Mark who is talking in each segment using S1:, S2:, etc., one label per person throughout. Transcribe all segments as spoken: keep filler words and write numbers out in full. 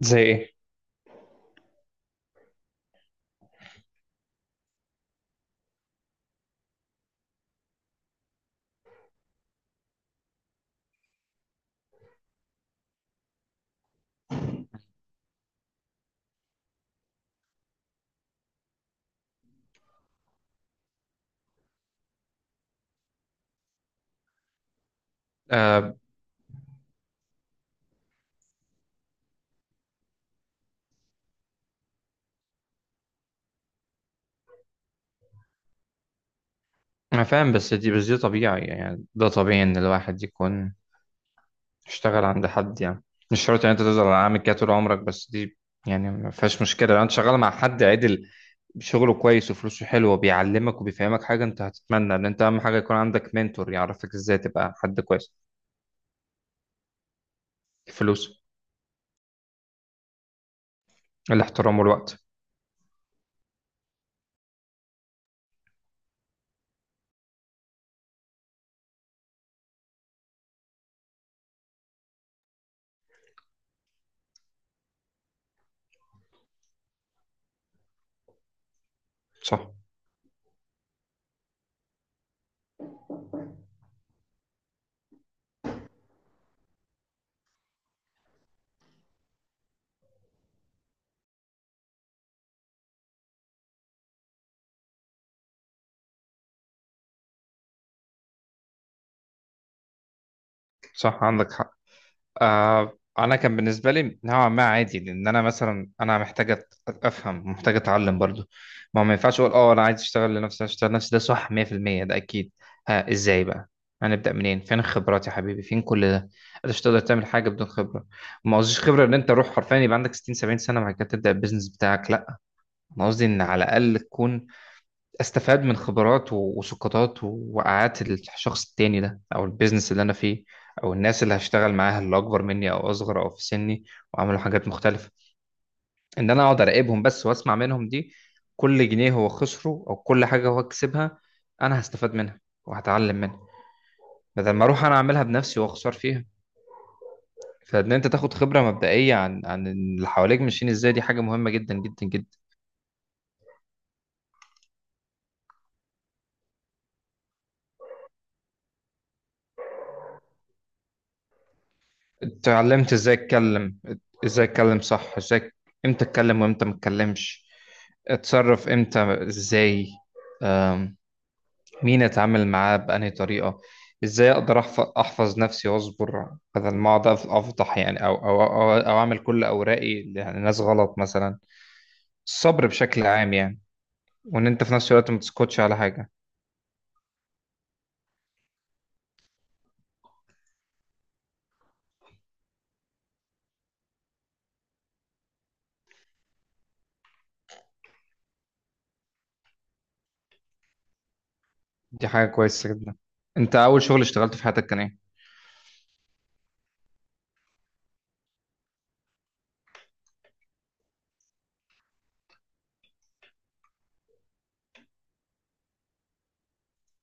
S1: زي ايه؟ آه، انا فاهم. بس دي بس دي طبيعي، يعني ده طبيعي ان الواحد يكون اشتغل عند حد، يعني مش شرط ان انت تفضل عامل كده طول عمرك. بس دي يعني ما فيهاش مشكله لو انت شغال مع حد عدل، شغله كويس وفلوسه حلوه، بيعلمك وبيفهمك حاجه. انت هتتمنى ان انت اهم حاجه يكون عندك منتور يعرفك ازاي تبقى حد كويس. الفلوس. الاحترام والوقت. صح، صح عندك حق. آه، انا كان بالنسبه لي نوعا ما عادي، لان انا مثلا انا محتاج أت- افهم، محتاج اتعلم برضو. ما هو ما ينفعش اقول اه انا عايز اشتغل لنفسي، عايز اشتغل لنفسي، ده صح مية في المية. ده اكيد. ها، ازاي بقى؟ هنبدا منين؟ فين الخبرات يا حبيبي؟ فين كل ده؟ انت مش تقدر تعمل حاجه بدون خبره. ما قصديش خبره ان انت روح حرفيا يبقى عندك ستين سبعين سنه بعد كده تبدا البيزنس بتاعك، لا. انا قصدي ان على الاقل تكون استفاد من خبرات و- وسقطات ووقعات الشخص التاني ده، او البيزنس اللي انا فيه، او الناس اللي هشتغل معاها، اللي اكبر مني او اصغر او في سني وعملوا حاجات مختلفه. ان انا اقعد اراقبهم بس واسمع منهم، دي كل جنيه هو خسره او كل حاجه هو كسبها، انا هستفاد منها وهتعلم منها، بدل ما اروح انا اعملها بنفسي واخسر فيها. فان انت تاخد خبره مبدئيه عن عن اللي حواليك ماشيين ازاي، دي حاجه مهمه جدا جدا جدا. اتعلمت ازاي اتكلم، ازاي اتكلم صح، ازاي، امتى اتكلم وامتى ما اتكلمش، اتصرف امتى، ازاي، آم، مين اتعامل معاه بأنهي طريقة، ازاي اقدر احفظ, أحفظ نفسي واصبر بدل ما اقعد أف- افضح يعني، او او او, أو اعمل كل اوراقي لناس غلط مثلا. الصبر بشكل عام يعني، وان انت في نفس الوقت ما تسكتش على حاجة. دي حاجة كويسة جدا. انت اول شغل اشتغلته في حياتك كان ايه؟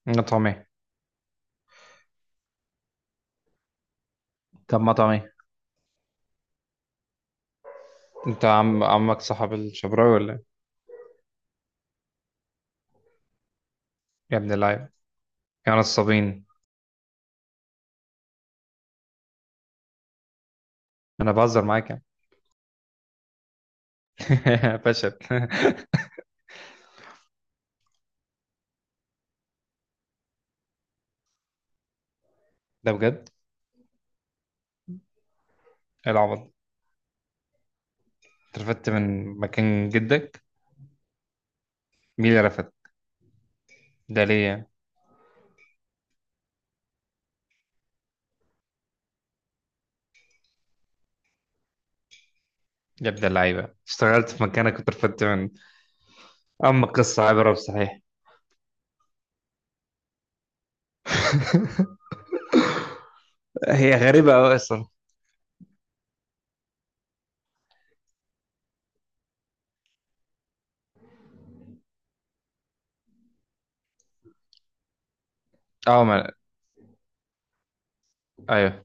S1: مطعم ايه؟ طب مطعم ايه؟ انت عم عمك صاحب الشبراوي ولا إيه؟ يا ابن اللعيبة، يا نصابين. انا بهزر معاك يعني. فشل. ده بجد؟ إيه العبط؟ انت رفدت من مكان جدك؟ مين اللي رفد؟ ده ليه يعني؟ يا ابن اللعيبة، اشتغلت في مكانك كنت رفدت من. اما قصة عبرة بصحيح. هي غريبة أوي أصلا. اه، ما... ايوه.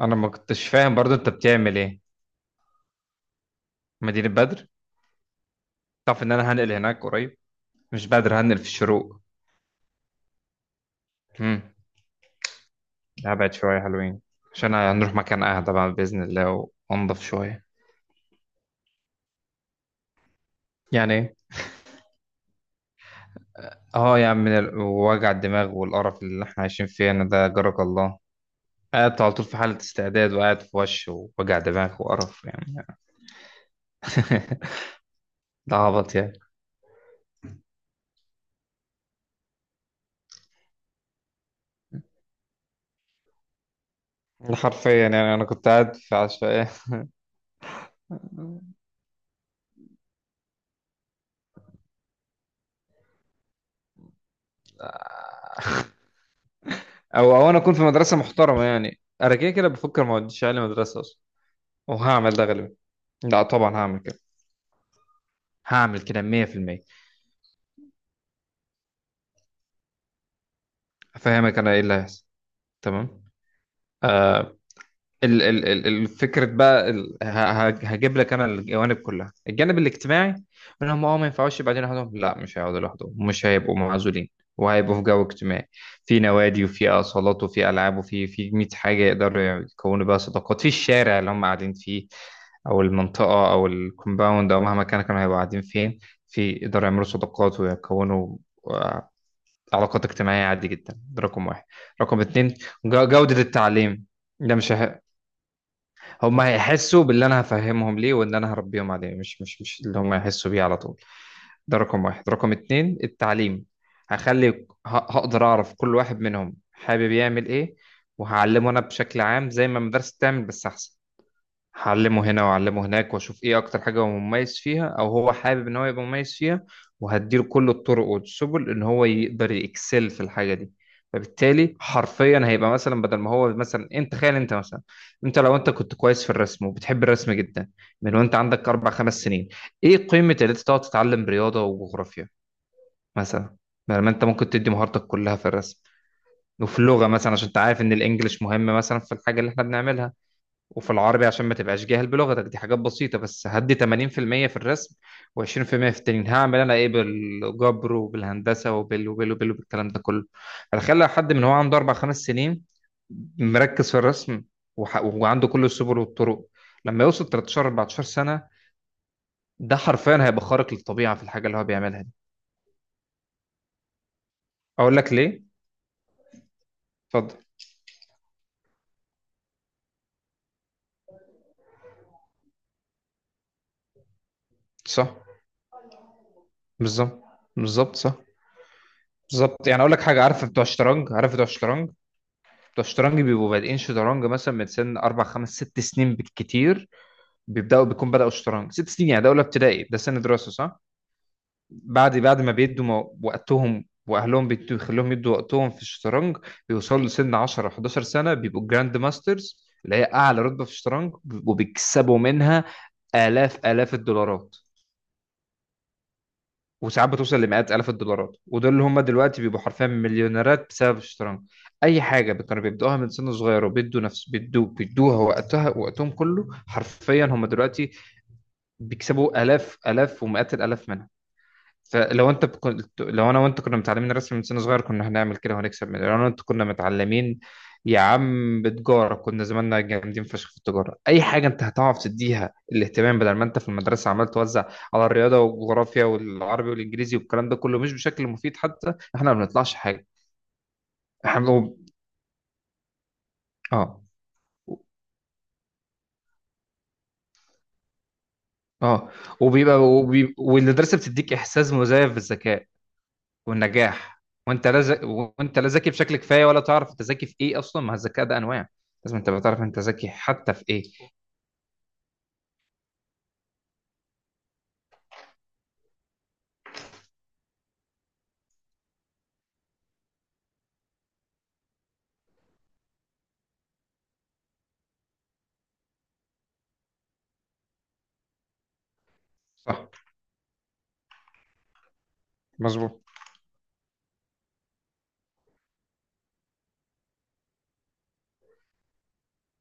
S1: انا ما كنتش فاهم برضو انت بتعمل ايه. مدينة بدر. تعرف ان انا هنقل هناك قريب؟ مش بدر، هنقل في الشروق. امم. هبعد شوية حلوين، عشان هنروح مكان اهدى بعد بإذن الله وانضف شوية. يعني إيه؟ اه يا عم، من ال- وجع الدماغ والقرف اللي احنا عايشين فيه انا، ده جارك الله. قاعد على طول في حالة استعداد، وقاعد في وش ووجع دماغ وقرف يعني. ده عبط يعني. ده حرفيا يعني انا كنت قاعد في عشوائية. او او انا اكون في مدرسة محترمة. يعني انا كده كده بفكر ما اوديش عيالي مدرسة اصلا، وهعمل ده غالبا. لا طبعا، هعمل كده. هعمل كده مية في المية. هفهمك انا ايه اللي هيحصل. تمام. آه، ال ال ال- الفكرة بقى، ال- ه- ه- هجيب لك انا الجوانب كلها. الجانب الاجتماعي، انهم اه ما ينفعوش يبقى قاعدين لوحدهم. لا، مش هيقعدوا لوحدهم، مش هيبقوا معزولين، وهيبقوا في جو اجتماعي، في نوادي وفي اصالات وفي العاب وفي في مية حاجة يقدروا يكونوا بقى صداقات في الشارع اللي هم قاعدين فيه، او المنطقة او الكومباوند او مهما كان، كانوا هيبقوا قاعدين فين. في يقدروا يعملوا صداقات ويكونوا آه، علاقات اجتماعية عادي جدا. ده رقم واحد. رقم اتنين، جو- جودة التعليم. ده مش هم هيحسوا باللي انا هفهمهم ليه وان انا هربيهم عليه، مش مش مش اللي هم هيحسوا بيه على طول. ده رقم واحد، رقم اتنين التعليم. هخلي ه- هقدر اعرف كل واحد منهم حابب يعمل ايه، وهعلمه انا بشكل عام زي ما المدرسة بتعمل بس احسن. هعلمه هنا واعلمه هناك، واشوف ايه اكتر حاجه هو مميز فيها او هو حابب ان هو يبقى مميز فيها، وهديله كل الطرق والسبل ان هو يقدر يكسل في الحاجه دي. فبالتالي حرفيا هيبقى مثلا، بدل ما هو مثلا إيه، انت تخيل، انت مثلا، انت لو انت كنت كويس في الرسم وبتحب الرسم جدا من وانت عندك اربع خمس سنين، ايه قيمه ان انت تقعد تتعلم رياضه وجغرافيا مثلا، بدل ما انت ممكن تدي مهارتك كلها في الرسم وفي اللغه مثلا عشان انت عارف ان الانجليش مهم مثلا في الحاجه اللي احنا بنعملها، وفي العربي عشان ما تبقاش جاهل بلغتك، دي حاجات بسيطة. بس هدي تمانين في المية في المية في الرسم، و20% في التنين. هعمل انا ايه بالجبر وبالهندسة وبال وبال وبال وبالكلام ده كله؟ هتخلي حد من هو عنده اربع خمس سنين مركز في الرسم وح... وعنده كل السبل والطرق، لما يوصل تلتاشر اربعتاشر سنة ده حرفيا هيبقى خارق للطبيعة في الحاجة اللي هو بيعملها دي. اقول لك ليه؟ اتفضل. صح، بالظبط. بالظبط صح. بالظبط، يعني اقول لك حاجة. عارف بتوع الشطرنج؟ عارف بتوع الشطرنج؟ بتوع الشطرنج بيبقوا بادئين شطرنج مثلا من سن اربع خمس ست سنين بالكتير. بيبداوا بيكون بداوا الشطرنج ست سنين، يعني ده اولى ابتدائي، ده سن دراسه صح؟ بعد بعد ما بيدوا مو- وقتهم، واهلهم بيدوا- بيخلوهم يدوا وقتهم في الشطرنج، بيوصلوا لسن عشرة حداشر سنه بيبقوا جراند ماسترز اللي هي اعلى رتبه في الشطرنج، وبيكسبوا منها الاف الاف الدولارات، وساعات بتوصل لمئات آلاف الدولارات. ودول اللي هم دلوقتي بيبقوا حرفيا مليونيرات بسبب الشطرنج. أي حاجة كانوا بيبدأوها من سن صغير وبيدوا نفس بيدوا بيدوها وقتها وقتهم كله حرفيا، هم دلوقتي بيكسبوا آلاف آلاف ومئات الآلاف منها. فلو انت كنت لو انا وانت كنا متعلمين الرسم من سن صغير، كنا هنعمل كده وهنكسب من لو انا وانت كنا متعلمين يا عم بتجارة، كنا زماننا جامدين فشخ في التجارة. اي حاجة انت هتعرف تديها الاهتمام بدل ما انت في المدرسة عمال توزع على الرياضة والجغرافيا والعربي والانجليزي والكلام ده كله مش بشكل مفيد. حتى احنا ما بنطلعش حاجة. احنا وب- اه، اه، وبيبقى وبي... والمدرسة بتديك احساس مزيف بالذكاء والنجاح، وانت لا ز... وانت لا ذكي بشكل كفايه ولا تعرف انت ذكي في ايه اصلا. ما الذكاء ده انواع، لازم تبقى تعرف انت ذكي حتى في ايه. صح، مظبوط.